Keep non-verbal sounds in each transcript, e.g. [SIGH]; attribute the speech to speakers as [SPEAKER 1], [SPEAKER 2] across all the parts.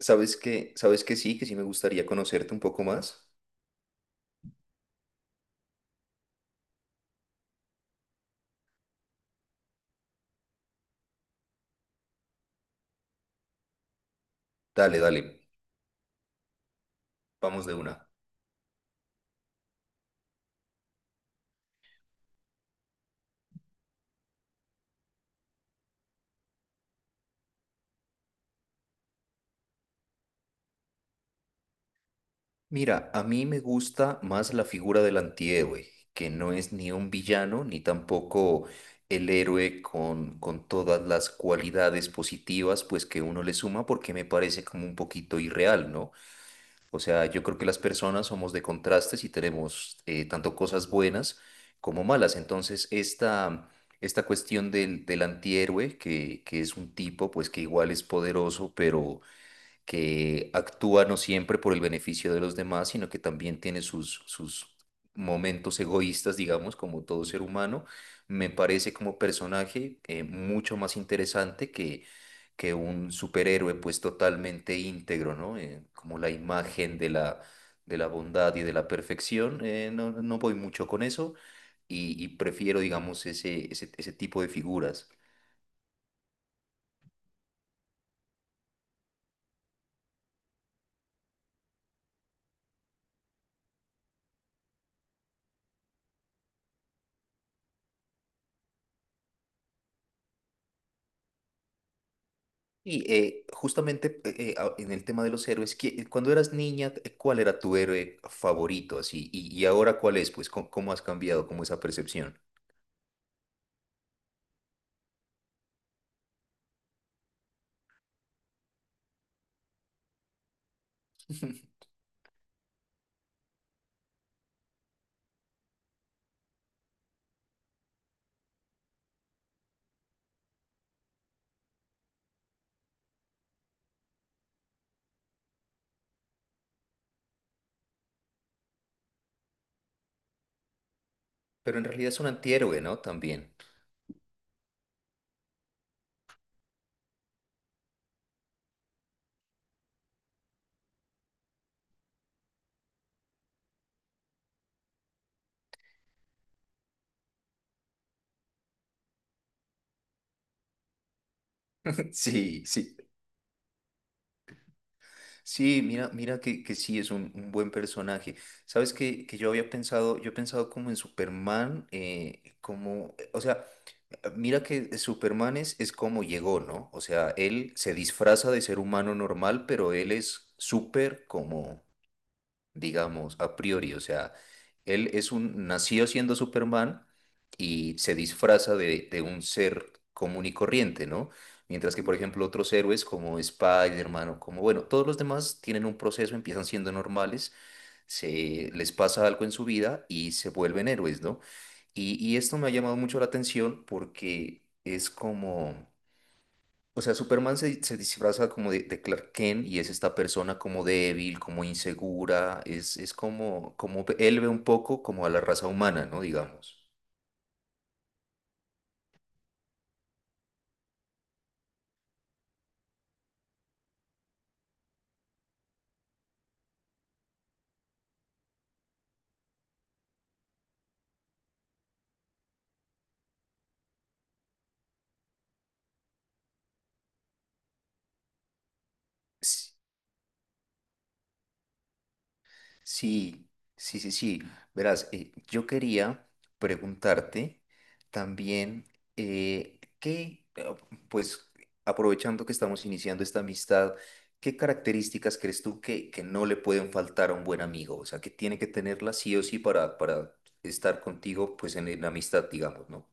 [SPEAKER 1] ¿Sabes que sí? Que sí me gustaría conocerte un poco más. Dale, dale, vamos de una. Mira, a mí me gusta más la figura del antihéroe, que no es ni un villano ni tampoco el héroe con todas las cualidades positivas pues que uno le suma porque me parece como un poquito irreal, ¿no? O sea, yo creo que las personas somos de contrastes y tenemos tanto cosas buenas como malas. Entonces, esta cuestión del antihéroe, que es un tipo pues que igual es poderoso, pero que actúa no siempre por el beneficio de los demás, sino que también tiene sus momentos egoístas, digamos, como todo ser humano, me parece como personaje mucho más interesante que un superhéroe pues totalmente íntegro, ¿no? Como la imagen de de la bondad y de la perfección, no voy mucho con eso y prefiero, digamos, ese tipo de figuras. En el tema de los héroes, cuando eras niña, ¿cuál era tu héroe favorito así? Y ahora ¿cuál es? Pues, ¿cómo has cambiado como esa percepción? [LAUGHS] Pero en realidad es un antihéroe, ¿no? También. [LAUGHS] Sí, sí. Sí, mira que sí es un buen personaje. Sabes que yo había pensado, yo he pensado como en Superman, o sea, mira que Superman es como llegó, ¿no? O sea, él se disfraza de ser humano normal, pero él es súper como digamos, a priori. O sea, él es un, nació siendo Superman y se disfraza de un ser común y corriente, ¿no? Mientras que, por ejemplo, otros héroes como Spider-Man o como, bueno, todos los demás tienen un proceso, empiezan siendo normales, se les pasa algo en su vida y se vuelven héroes, ¿no? Y esto me ha llamado mucho la atención porque es como... O sea, Superman se disfraza como de Clark Kent y es esta persona como débil, como insegura, es como, como él ve un poco como a la raza humana, ¿no? Digamos. Sí, sí, sí, sí. Verás, yo quería preguntarte también eh, qué, eh, pues aprovechando que estamos iniciando esta amistad, ¿qué características crees tú que no le pueden faltar a un buen amigo? O sea, que tiene que tenerla sí o sí para estar contigo, pues en amistad, digamos, ¿no?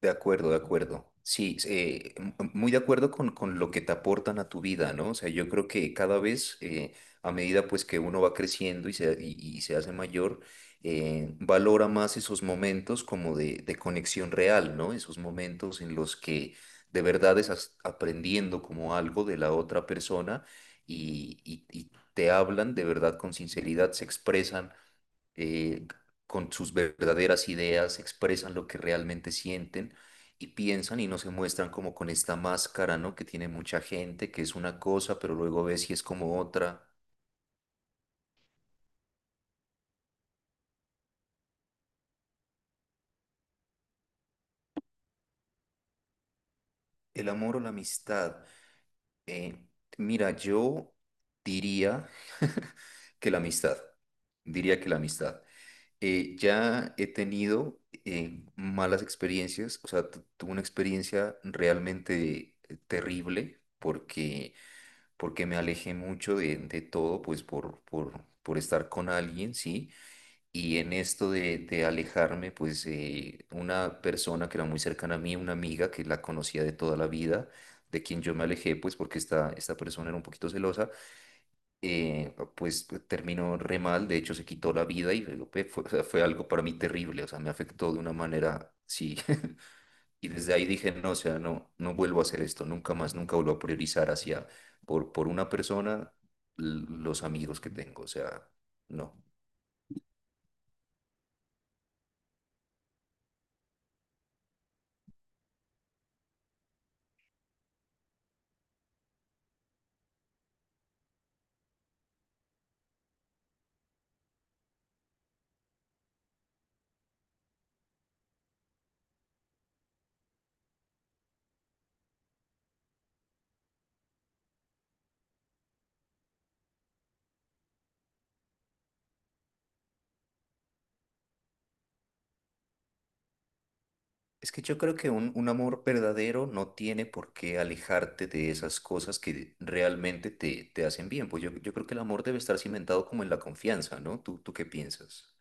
[SPEAKER 1] De acuerdo, de acuerdo. Sí, muy de acuerdo con lo que te aportan a tu vida, ¿no? O sea, yo creo que cada vez, a medida pues que uno va creciendo y se hace mayor, valora más esos momentos como de conexión real, ¿no? Esos momentos en los que de verdad estás aprendiendo como algo de la otra persona y te hablan de verdad con sinceridad, se expresan eh, con sus verdaderas ideas, expresan lo que realmente sienten y piensan y no se muestran como con esta máscara, ¿no? Que tiene mucha gente, que es una cosa, pero luego ves si es como otra. El amor o la amistad. eh, Mira, yo diría [LAUGHS] que la amistad. Diría que la amistad. Ya he tenido malas experiencias, o sea, tuve una experiencia realmente terrible porque porque me alejé mucho de todo, pues por estar con alguien, ¿sí? Y en esto de alejarme, pues una persona que era muy cercana a mí, una amiga que la conocía de toda la vida, de quien yo me alejé, pues porque esta persona era un poquito celosa, pues terminó re mal, de hecho se quitó la vida y fue algo para mí terrible, o sea, me afectó de una manera, sí. [LAUGHS] Y desde ahí dije, no, o sea, no vuelvo a hacer esto, nunca más, nunca vuelvo a priorizar hacia, por una persona, los amigos que tengo, o sea, no. Es que yo creo que un amor verdadero no tiene por qué alejarte de esas cosas que realmente te hacen bien. Pues yo creo que el amor debe estar cimentado como en la confianza, ¿no? Tú qué piensas?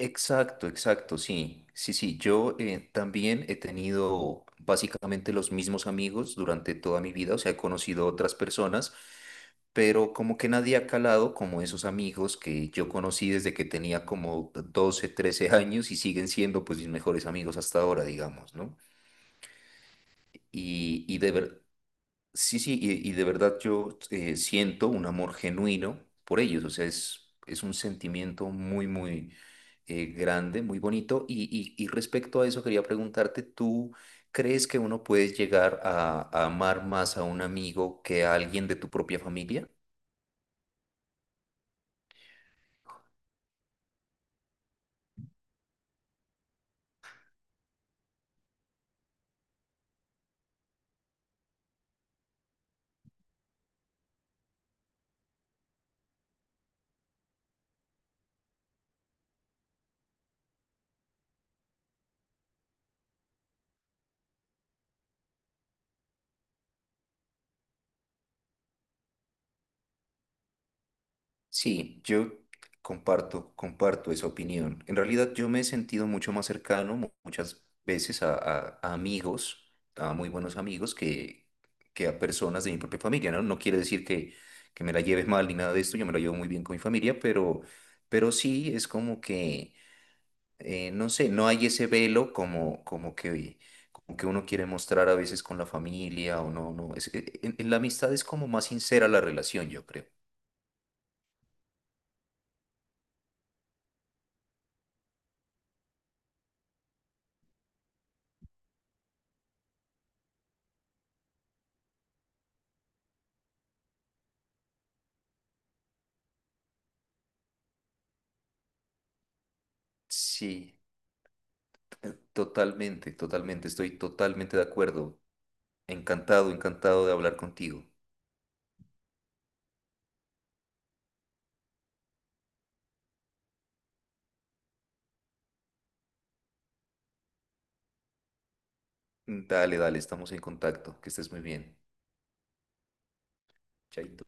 [SPEAKER 1] Exacto, exacto, sí, sí, sí. Yo también he tenido básicamente los mismos amigos durante toda mi vida, o sea, he conocido otras personas, pero como que nadie ha calado como esos amigos que yo conocí desde que tenía como 12, 13 años y siguen siendo pues mis mejores amigos hasta ahora, digamos, ¿no? Y, y de ver, Sí, sí, y de verdad yo siento un amor genuino por ellos, o sea, es un sentimiento muy grande, muy bonito. Y respecto a eso, quería preguntarte, ¿tú crees que uno puede llegar a amar más a un amigo que a alguien de tu propia familia? Sí, yo comparto esa opinión. En realidad yo me he sentido mucho más cercano muchas veces a amigos, a muy buenos amigos, que a personas de mi propia familia, ¿no? No quiere decir que me la lleves mal ni nada de esto, yo me la llevo muy bien con mi familia, pero sí es como que, no sé, no hay ese velo como que uno quiere mostrar a veces con la familia o no, no. En la amistad es como más sincera la relación, yo creo. Sí. Totalmente, totalmente, estoy totalmente de acuerdo. Encantado, encantado de hablar contigo. Dale, dale, estamos en contacto. Que estés muy bien. Chaito.